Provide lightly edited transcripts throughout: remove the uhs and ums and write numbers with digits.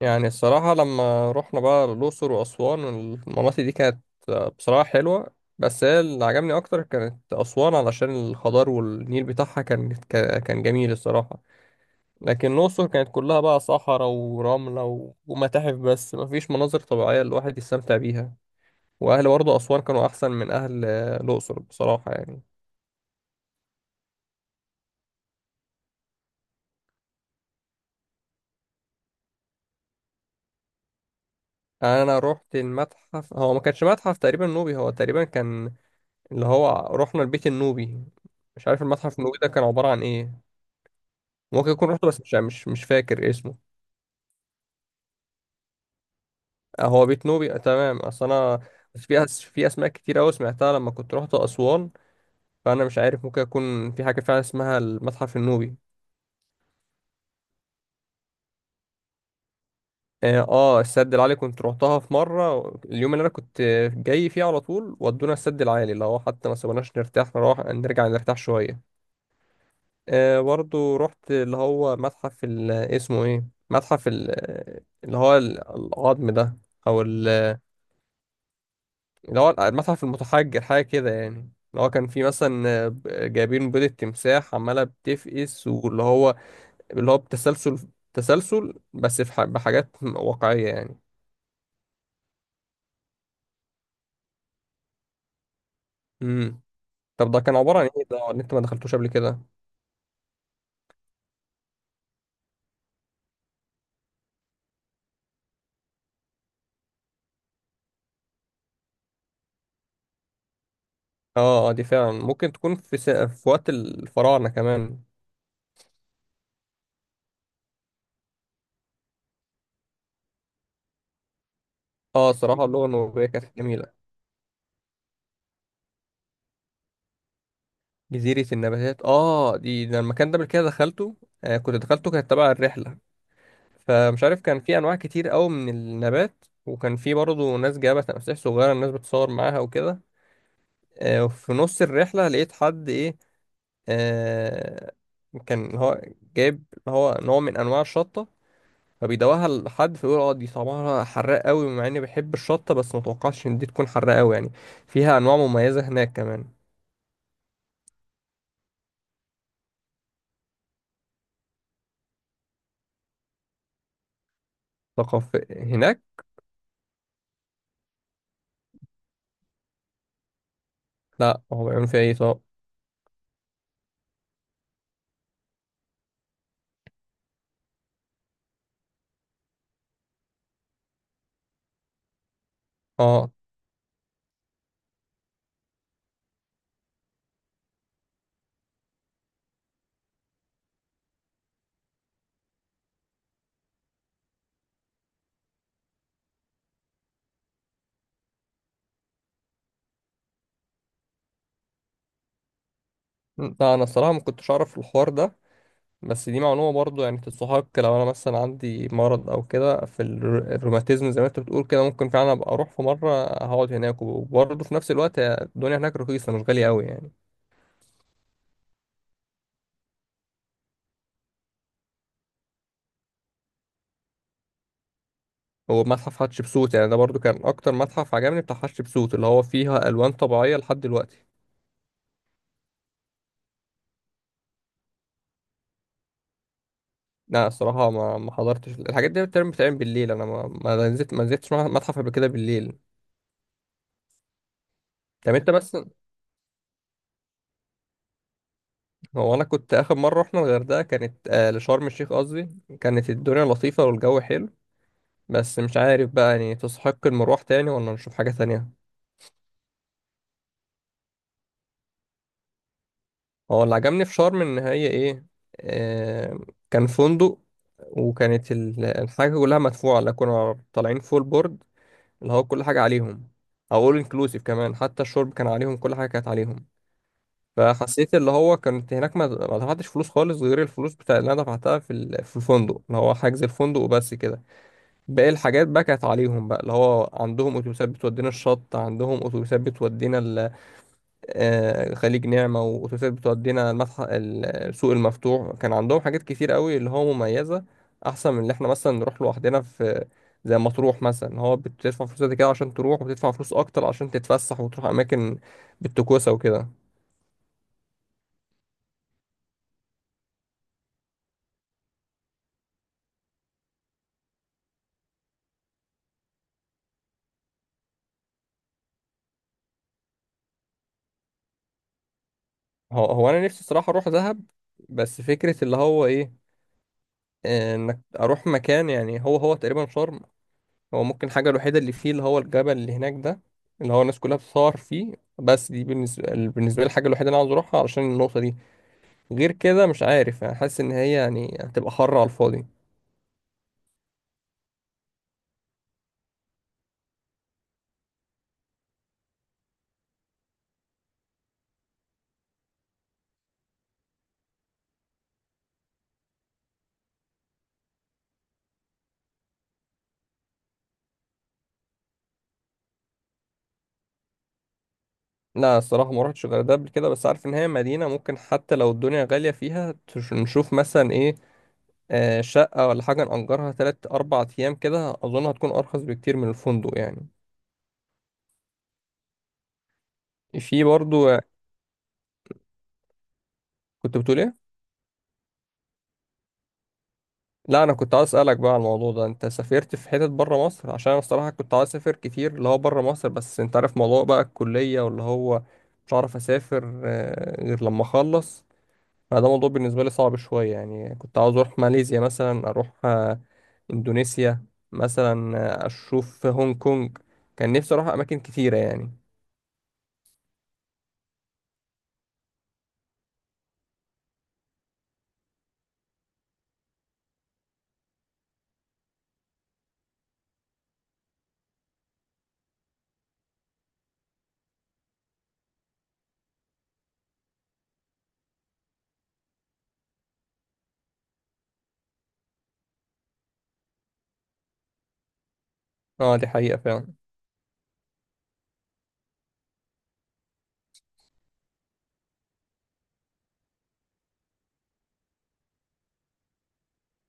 يعني الصراحة لما رحنا بقى الأقصر وأسوان، المناطق دي كانت بصراحة حلوة. بس هي اللي عجبني أكتر كانت أسوان، علشان الخضار والنيل بتاعها كان كان جميل الصراحة. لكن الأقصر كانت كلها بقى صحراء ورملة ومتاحف، بس مفيش مناظر طبيعية الواحد يستمتع بيها. وأهل برضه أسوان كانوا أحسن من أهل الأقصر بصراحة يعني. أنا رحت المتحف، هو ما كانش متحف تقريبا نوبي، هو تقريبا كان اللي هو رحنا البيت النوبي. مش عارف المتحف النوبي ده كان عبارة عن إيه. ممكن اكون رحت بس مش فاكر اسمه. آه، هو بيت نوبي، آه، تمام. اصل انا بس في في اسماء كتير قوي سمعتها لما كنت رحت اسوان، فانا مش عارف ممكن اكون في حاجه فعلا اسمها المتحف النوبي. اه، آه، السد العالي كنت روحتها في مره، اليوم اللي انا كنت جاي فيه على طول ودونا السد العالي، اللي هو حتى ما سابوناش نرتاح نروح نرجع نرتاح شويه. آه برضو رحت اللي هو متحف اسمه ايه، متحف اللي هو العظم ده، او اللي هو المتحف المتحجر حاجة كده يعني. اللي هو كان في مثلا جايبين بيضة تمساح عمالة بتفقس، واللي هو اللي هو بتسلسل تسلسل، بس في بحاجات واقعية يعني. امم طب ده كان عبارة عن ايه ده اللي انت ما دخلتوش قبل كده. اه، آه، دي فعلا ممكن تكون في في وقت الفراعنة كمان. اه، صراحة اللغة النوبية كانت جميلة. جزيرة النباتات، اه دي، ده المكان ده قبل كده دخلته، آه كنت دخلته، كانت تبع الرحلة. فمش عارف، كان في انواع كتير قوي من النبات، وكان في برضه ناس جايبه تماسيح صغيره الناس بتصور معاها وكده. وفي نص الرحله لقيت حد ايه، آه كان هو جايب هو نوع من انواع الشطه، فبيدوقها لحد فيقول اه دي طعمها حراق قوي، مع اني بحب الشطه بس ما توقعتش ان دي تكون حراق قوي يعني. فيها انواع مميزه هناك كمان. ثقافه هناك. لا، هو بيعملوا فيها ايه طب. اه، لا انا الصراحه ما كنتش اعرف الحوار ده. بس دي معلومة برضو يعني تستحق، لو أنا مثلا عندي مرض أو كده في الروماتيزم زي ما أنت بتقول كده، ممكن فعلا أبقى أروح في مرة هقعد هناك، وبرضه في نفس الوقت الدنيا هناك رخيصة مش غالية أوي يعني. هو متحف حتشبسوت، يعني ده برضو كان أكتر متحف عجبني، بتاع حتشبسوت اللي هو فيها ألوان طبيعية لحد دلوقتي. لا الصراحة ما حضرتش، الحاجات دي بتعمل بتعمل بالليل، أنا ما نزلتش متحف قبل كده بالليل. طب أنت بس، هو أنا كنت آخر مرة رحنا الغردقة، كانت آه لشرم الشيخ قصدي. كانت الدنيا لطيفة والجو حلو، بس مش عارف بقى يعني تستحق المروح تاني ولا نشوف حاجة تانية. هو اللي عجبني في شرم إن هي إيه، آه، كان فندق، وكانت الحاجة كلها مدفوعة، لا كنا طالعين فول بورد، اللي هو كل حاجة عليهم. أو أول إنكلوسيف كمان، حتى الشرب كان عليهم، كل حاجة كانت عليهم. فحسيت اللي هو كانت هناك ما دفعتش فلوس خالص، غير الفلوس بتاع اللي أنا دفعتها في في الفندق، اللي هو حجز الفندق وبس كده. باقي الحاجات بقى كانت عليهم بقى، اللي هو عندهم أتوبيسات بتودينا الشط، عندهم أتوبيسات بتودينا آه، خليج نعمة، وأتوبيسات بتودينا المتحف، السوق المفتوح، كان عندهم حاجات كتير قوي اللي هو مميزة. أحسن من اللي احنا مثلا نروح لوحدنا، في زي مطروح مثلا هو بتدفع فلوس قد كده عشان تروح، وبتدفع فلوس أكتر عشان تتفسح وتروح أماكن بالتكوسة وكده. هو أنا نفسي الصراحة أروح دهب، بس فكرة اللي هو إيه، آه، إنك أروح مكان يعني هو تقريبا شرم. هو ممكن الحاجة الوحيدة اللي فيه اللي هو الجبل اللي هناك ده، اللي هو الناس كلها بتصور فيه، بس دي بالنسبة لي الحاجة الوحيدة اللي أنا عاوز أروحها علشان النقطة دي. غير كده مش عارف، يعني حاسس إن هي يعني هتبقى حر على الفاضي. لا الصراحة ما رحتش غير ده قبل كده، بس عارف إن هي مدينة، ممكن حتى لو الدنيا غالية فيها نشوف مثلا إيه، آه، شقة ولا حاجة نأجرها 3 4 أيام كده، أظن هتكون أرخص بكتير من الفندق يعني. في برضو. كنت بتقول إيه؟ لا انا كنت عايز اسالك بقى على الموضوع ده، انت سافرت في حتت بره مصر؟ عشان انا الصراحه كنت عايز اسافر كتير اللي هو بره مصر، بس انت عارف موضوع بقى الكليه واللي هو، مش عارف اسافر غير لما اخلص. فده موضوع بالنسبه لي صعب شويه يعني. كنت عاوز اروح ماليزيا مثلا، اروح اندونيسيا مثلا، اشوف هونج كونج. كان نفسي اروح اماكن كتيره يعني. اه دي حقيقه فعلا.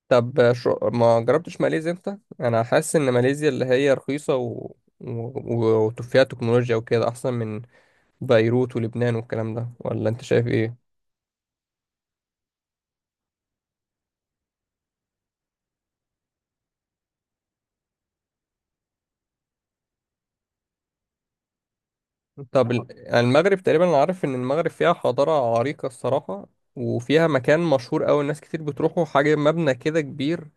طب شو ما جربتش ماليزيا انت؟ انا حاسس ان ماليزيا اللي هي رخيصه، و... و... وفيها تكنولوجيا وكده احسن من بيروت ولبنان والكلام ده، ولا انت شايف ايه؟ طب يعني المغرب تقريبا، انا عارف ان المغرب فيها حضاره عريقه الصراحه. وفيها مكان مشهور قوي الناس كتير بتروحوا، حاجه مبنى كده كبير،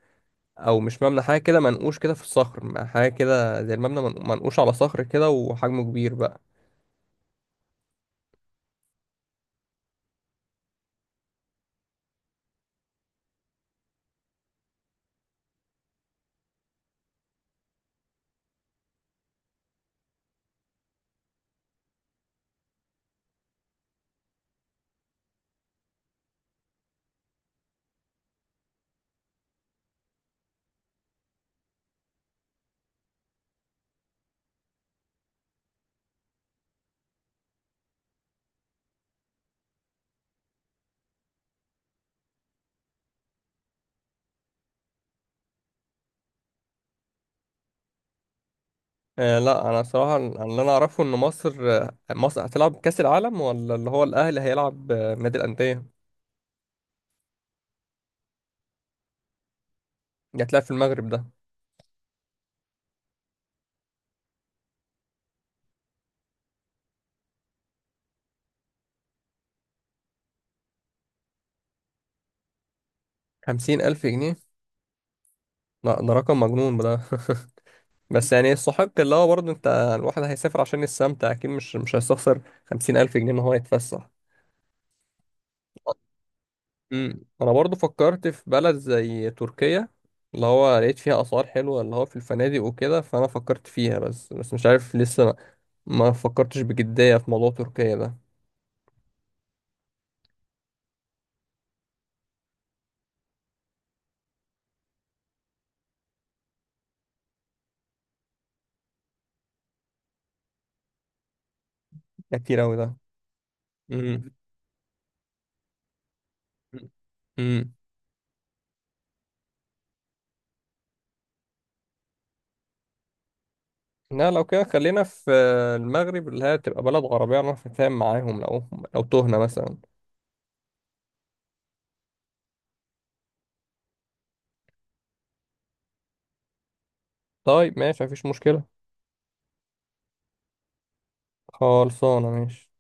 او مش مبنى، حاجه كده منقوش كده في الصخر، حاجه كده زي المبنى منقوش على صخر كده، وحجمه كبير بقى. آه، لا انا صراحه اللي انا اعرفه ان مصر مصر هتلعب كاس العالم، ولا اللي هو الاهلي هيلعب آه، نادي الانديه. اللي هتلعب في المغرب ده. 50000 جنيه؟ لا ده رقم مجنون ده. بس يعني يستحق، اللي هو برضه انت الواحد هيسافر عشان يستمتع اكيد، مش هيستخسر 50000 جنيه ان هو يتفسح. انا برضه فكرت في بلد زي تركيا، اللي هو لقيت فيها اسعار حلوه اللي هو في الفنادق وكده، فانا فكرت فيها، بس مش عارف لسه ما فكرتش بجديه في موضوع تركيا ده. ده كتير أوي ده. امم امم لا لو كده خلينا في المغرب، اللي هي تبقى بلد عربية نعرف نتفاهم معاهم، لو تهنا مثلا. طيب ماشي مفيش مشكلة. خلصانة ماشي.